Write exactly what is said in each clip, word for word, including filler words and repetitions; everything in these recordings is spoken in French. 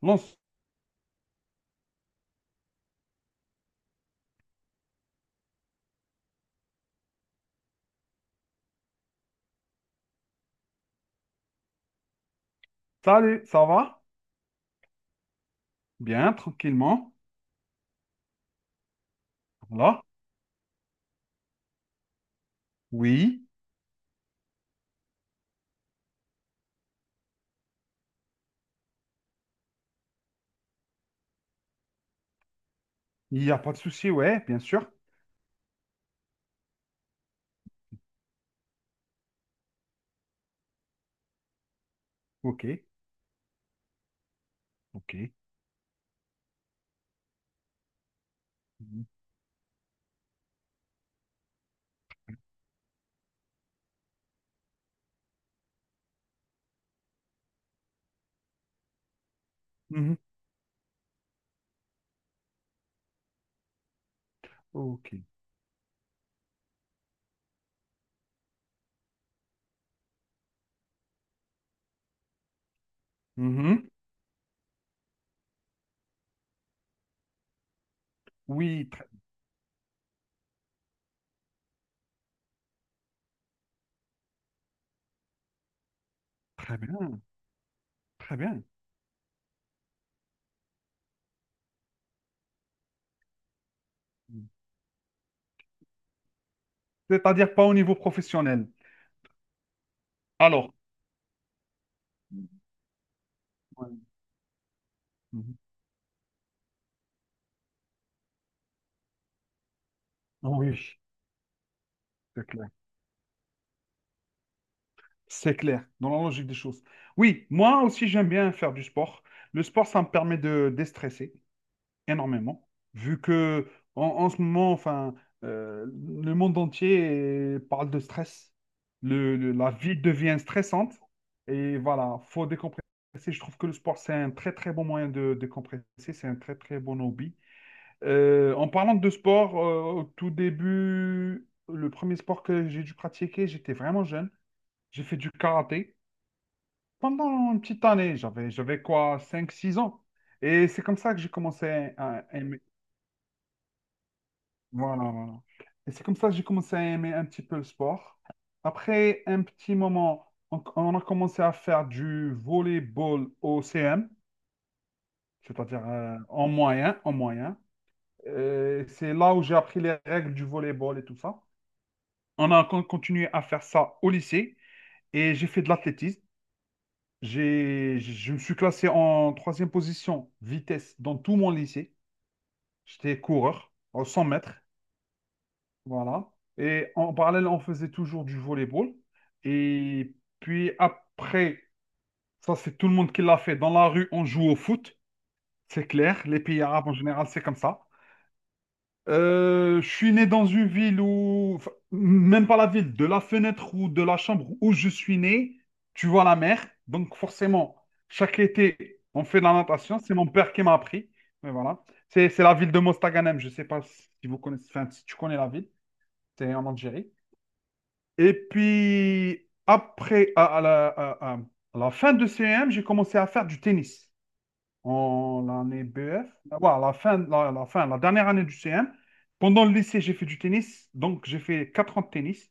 Bon, salut, ça va? Bien, tranquillement. Là? Oui, il n'y a pas de souci, ouais, bien sûr. Ok, ok. Mhm. Mhm. Ok. Mhm. Oui, très, très bien, très bien. C'est-à-dire pas au niveau professionnel. Alors, ouais. Mhm. Oui, c'est clair. C'est clair, dans la logique des choses. Oui, moi aussi, j'aime bien faire du sport. Le sport, ça me permet de déstresser, énormément, vu que en, en ce moment, enfin, euh, le monde entier euh, parle de stress. Le, le- la vie devient stressante et voilà, faut décompresser. Je trouve que le sport, c'est un très très bon moyen de décompresser, c'est un très très bon hobby. Euh, en parlant de sport, euh, au tout début, le premier sport que j'ai dû pratiquer, j'étais vraiment jeune. J'ai fait du karaté pendant une petite année, j'avais j'avais quoi, cinq six ans. Et c'est comme ça que j'ai commencé à, à aimer. Voilà, voilà. Et c'est comme ça que j'ai commencé à aimer un petit peu le sport. Après un petit moment, on, on a commencé à faire du volleyball au C M, c'est-à-dire euh, en moyen, en moyen. Euh, c'est là où j'ai appris les règles du volleyball et tout ça. On a con- continué à faire ça au lycée et j'ai fait de l'athlétisme. J'ai, je me suis classé en troisième position vitesse dans tout mon lycée. J'étais coureur en cent mètres. Voilà. Et en parallèle, on faisait toujours du volleyball. Et puis après, ça c'est tout le monde qui l'a fait. Dans la rue, on joue au foot, c'est clair. Les pays arabes en général, c'est comme ça. Euh, je suis né dans une ville où, enfin, même pas la ville, de la fenêtre ou de la chambre où je suis né, tu vois la mer. Donc forcément, chaque été, on fait de la natation. C'est mon père qui m'a appris. Mais voilà. C'est c'est la ville de Mostaganem. Je sais pas si vous connaissez, enfin, si tu connais la ville. C'est en Algérie. Et puis, après, à, à la, à- à- à la fin de C M, j'ai commencé à faire du tennis en année B F. Ouais, à la fin, la, la fin, la dernière année du C M. Pendant le lycée, j'ai fait du tennis. Donc, j'ai fait quatre ans de tennis.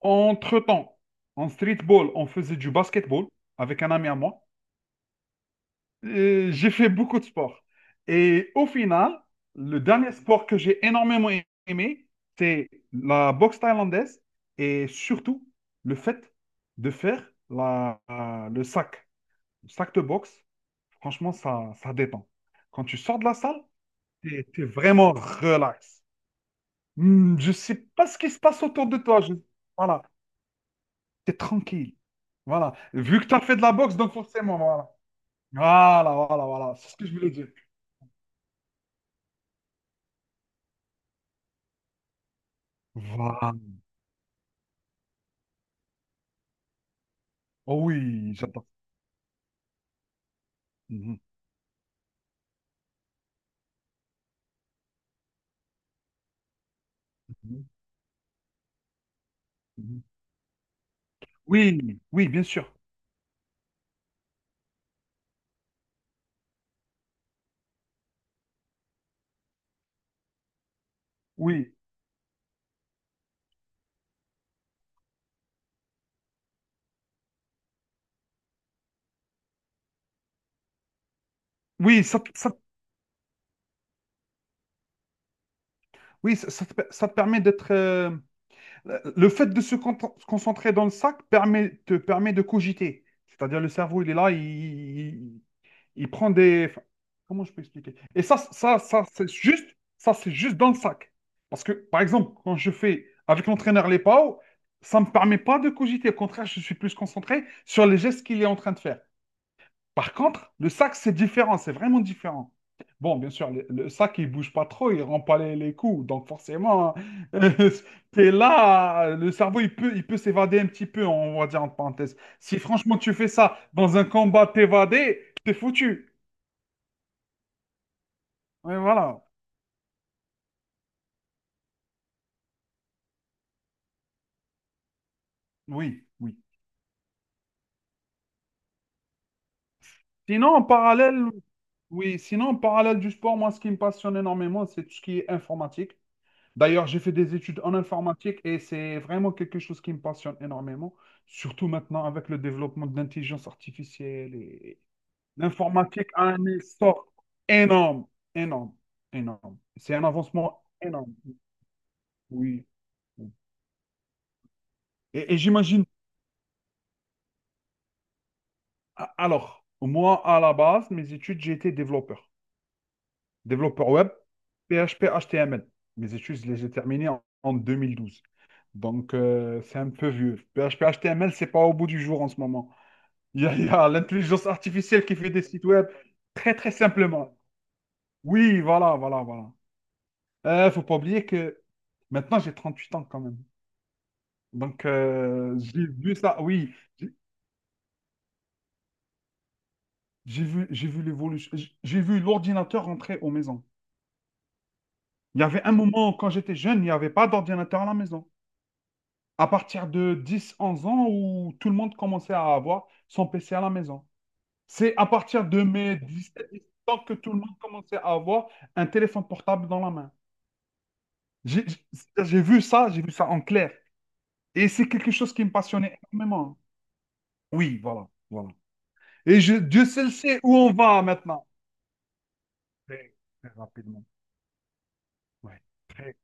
Entre-temps, en streetball, on faisait du basketball avec un ami à moi. Euh, j'ai fait beaucoup de sports. Et au final, le dernier sport que j'ai énormément aimé, c'est la boxe thaïlandaise et surtout le fait de faire la, euh, le sac, le sac de boxe. Franchement, ça, ça détend. Quand tu sors de la salle, t'es, t'es vraiment relax. Hmm, Je sais pas ce qui se passe autour de toi. Je- Voilà, t'es tranquille. Voilà. Vu que tu as fait de la boxe, donc forcément, voilà. Voilà, voilà, voilà. C'est ce que je voulais dire. Voilà. Oh oui, j'adore. Mhm, mhm, mhm. Oui, oui, bien sûr. Oui, oui, ça, ça, oui, ça, ça te per- ça te permet d'être. Euh, euh, le fait de se con- concentrer dans le sac permet, te permet de cogiter. C'est-à-dire le cerveau, il est là, il, il- il prend des. Enfin, comment je peux expliquer? Et ça, ça, ça, c'est juste, ça, c'est juste dans le sac. Parce que, par exemple, quand je fais avec l'entraîneur les P A O, ça ne me permet pas de cogiter. Au contraire, je suis plus concentré sur les gestes qu'il est en train de faire. Par contre, le sac, c'est différent, c'est vraiment différent. Bon, bien sûr, le, le sac, il bouge pas trop, il rend pas les, les coups. Donc forcément, tu es là, le cerveau, il peut, il peut s'évader un petit peu, on va dire en parenthèse. Si franchement, tu fais ça dans un combat, t'évader, t'es foutu. Et voilà, oui, oui. Sinon, en parallèle, oui, sinon, en parallèle du sport, moi, ce qui me passionne énormément, c'est tout ce qui est informatique. D'ailleurs, j'ai fait des études en informatique et c'est vraiment quelque chose qui me passionne énormément, surtout maintenant avec le développement de l'intelligence artificielle et l'informatique a un essor énorme, énorme, énorme. C'est un avancement énorme, oui. Oui. Et, et j'imagine, a- alors, moi, à la base, mes études, j'ai été développeur, développeur web, P H P, H T M L. Mes études, je les ai terminées en, en deux mille douze. Donc, euh, c'est un peu vieux. P H P, H T M L, c'est pas au bout du jour en ce moment. Il y a, il y a l'intelligence artificielle qui fait des sites web très très simplement. Oui, voilà, voilà, voilà. Euh, faut pas oublier que maintenant j'ai trente huit ans quand même. Donc euh, j'ai vu ça, oui, j'ai j'ai vu, j'ai vu l'évolution, j'ai j'ai vu l'ordinateur entrer aux maisons. Il y avait un moment où, quand j'étais jeune, il n'y avait pas d'ordinateur à la maison. À partir de dix onze ans où tout le monde commençait à avoir son P C à la maison. C'est à partir de mes dix-sept ans que tout le monde commençait à avoir un téléphone portable dans la main. J'ai j'ai- vu ça, j'ai vu ça en clair. Et c'est quelque chose qui me passionnait énormément. Oui, voilà, voilà. Et je, Dieu seul sait où on va maintenant. Très, très rapidement. Ouais, très,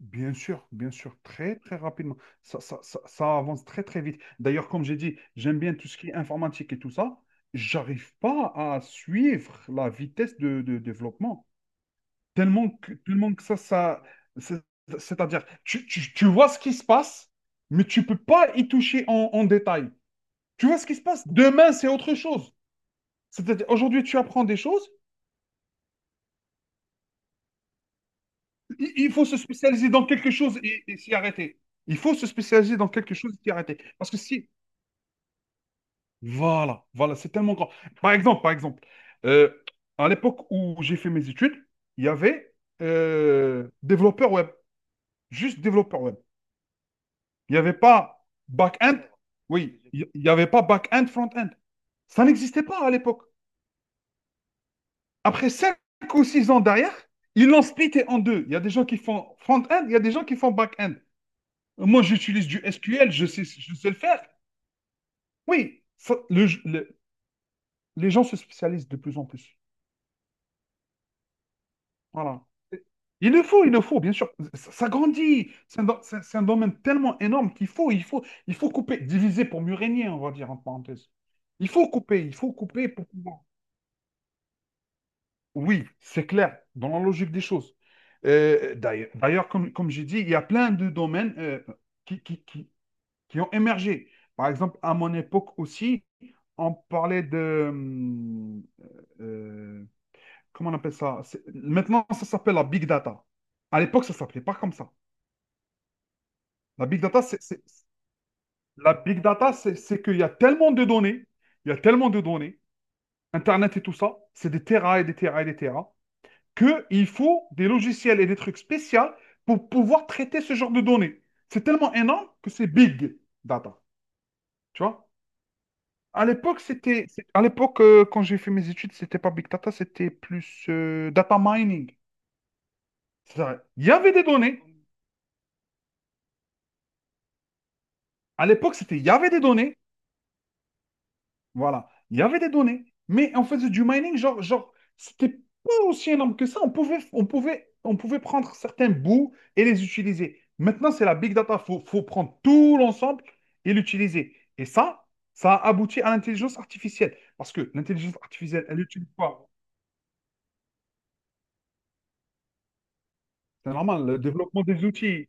bien sûr, bien sûr, très, très rapidement. Ça, ça, ça, ça avance très, très vite. D'ailleurs, comme j'ai dit, j'aime bien tout ce qui est informatique et tout ça. J'arrive pas à suivre la vitesse de, de développement. Tellement que, tellement que ça, ça, c'est- c'est-à-dire, tu, tu, tu vois ce qui se passe, mais tu peux pas y toucher en, en détail. Tu vois ce qui se passe, demain, c'est autre chose. C'est-à-dire, aujourd'hui, tu apprends des choses, il, il faut se spécialiser dans quelque chose et, et s'y arrêter. Il faut se spécialiser dans quelque chose et s'y arrêter. Parce que si, Voilà, voilà, c'est tellement grand. Par exemple, par exemple, euh, à l'époque où j'ai fait mes études, il y avait euh, développeur web, juste développeur web. Il n'y avait pas back-end. Oui, il n'y avait pas back-end, front-end. Ça n'existait pas à l'époque. Après cinq ou six ans derrière, ils l'ont splitté en deux. Il y a des gens qui font front-end, il y a des gens qui font back-end. Moi, j'utilise du S Q L, je sais, je sais le faire. Oui, ça- le- le- les gens se spécialisent de plus en plus. Voilà. Il le faut, il le faut, bien sûr. Ça, ça grandit. C'est un, c'est un domaine tellement énorme qu'il faut, il faut, il faut couper, diviser pour mieux régner, on va dire en parenthèse. Il faut couper, il faut couper pour pouvoir. Oui, c'est clair, dans la logique des choses. Euh, d'ailleurs, d'ailleurs, comme, comme j'ai dit, il y a plein de domaines euh, qui, qui, qui- qui ont émergé. Par exemple, à mon époque aussi, on parlait de, hum, euh, comment on appelle ça? C'est- Maintenant, ça s'appelle la big data. À l'époque, ça ne s'appelait pas comme ça. La big data, c'est, c'est- la big data, c'est c'est qu'il y a tellement de données, il y a tellement de données, Internet et tout ça, c'est des terras et des terras et des terras, qu'il faut des logiciels et des trucs spéciaux pour pouvoir traiter ce genre de données. C'est tellement énorme que c'est big data, tu vois? À l'époque, c'était, c'est- à l'époque, euh, quand j'ai fait mes études, c'était pas big data, c'était plus euh, data mining. C'est-à-dire, il y avait des données. À l'époque, c'était, il y avait des données. Voilà. Il y avait des données, mais on faisait du mining, genre, genre, c'était pas aussi énorme que ça. On pouvait, on pouvait, on pouvait prendre certains bouts et les utiliser. Maintenant, c'est la big data. Il faut, faut prendre tout l'ensemble et l'utiliser. Et ça, ça a abouti à l'intelligence artificielle. Parce que l'intelligence artificielle, elle utilise quoi? C'est normal, le développement des outils.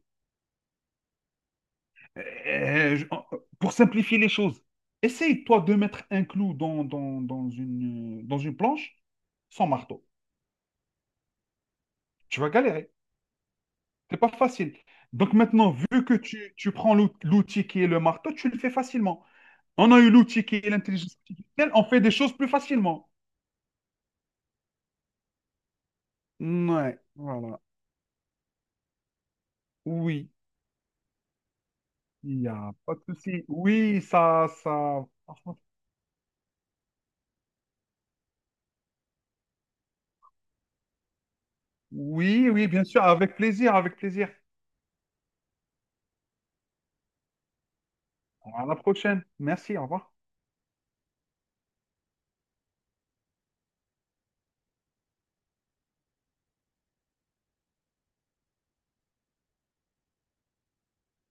Euh, je- pour simplifier les choses, essaye, toi, de mettre un clou dans, dans, dans une, euh, dans une planche sans marteau. Tu vas galérer. C'est pas facile. Donc maintenant, vu que tu, tu prends l'out- l'outil qui est le marteau, tu le fais facilement. On a eu l'outil qui est l'intelligence artificielle, on fait des choses plus facilement. Ouais, voilà. Oui, il n'y a pas de souci. Oui, ça, ça. Oui, oui, bien sûr, avec plaisir, avec plaisir. À la prochaine. Merci, au revoir.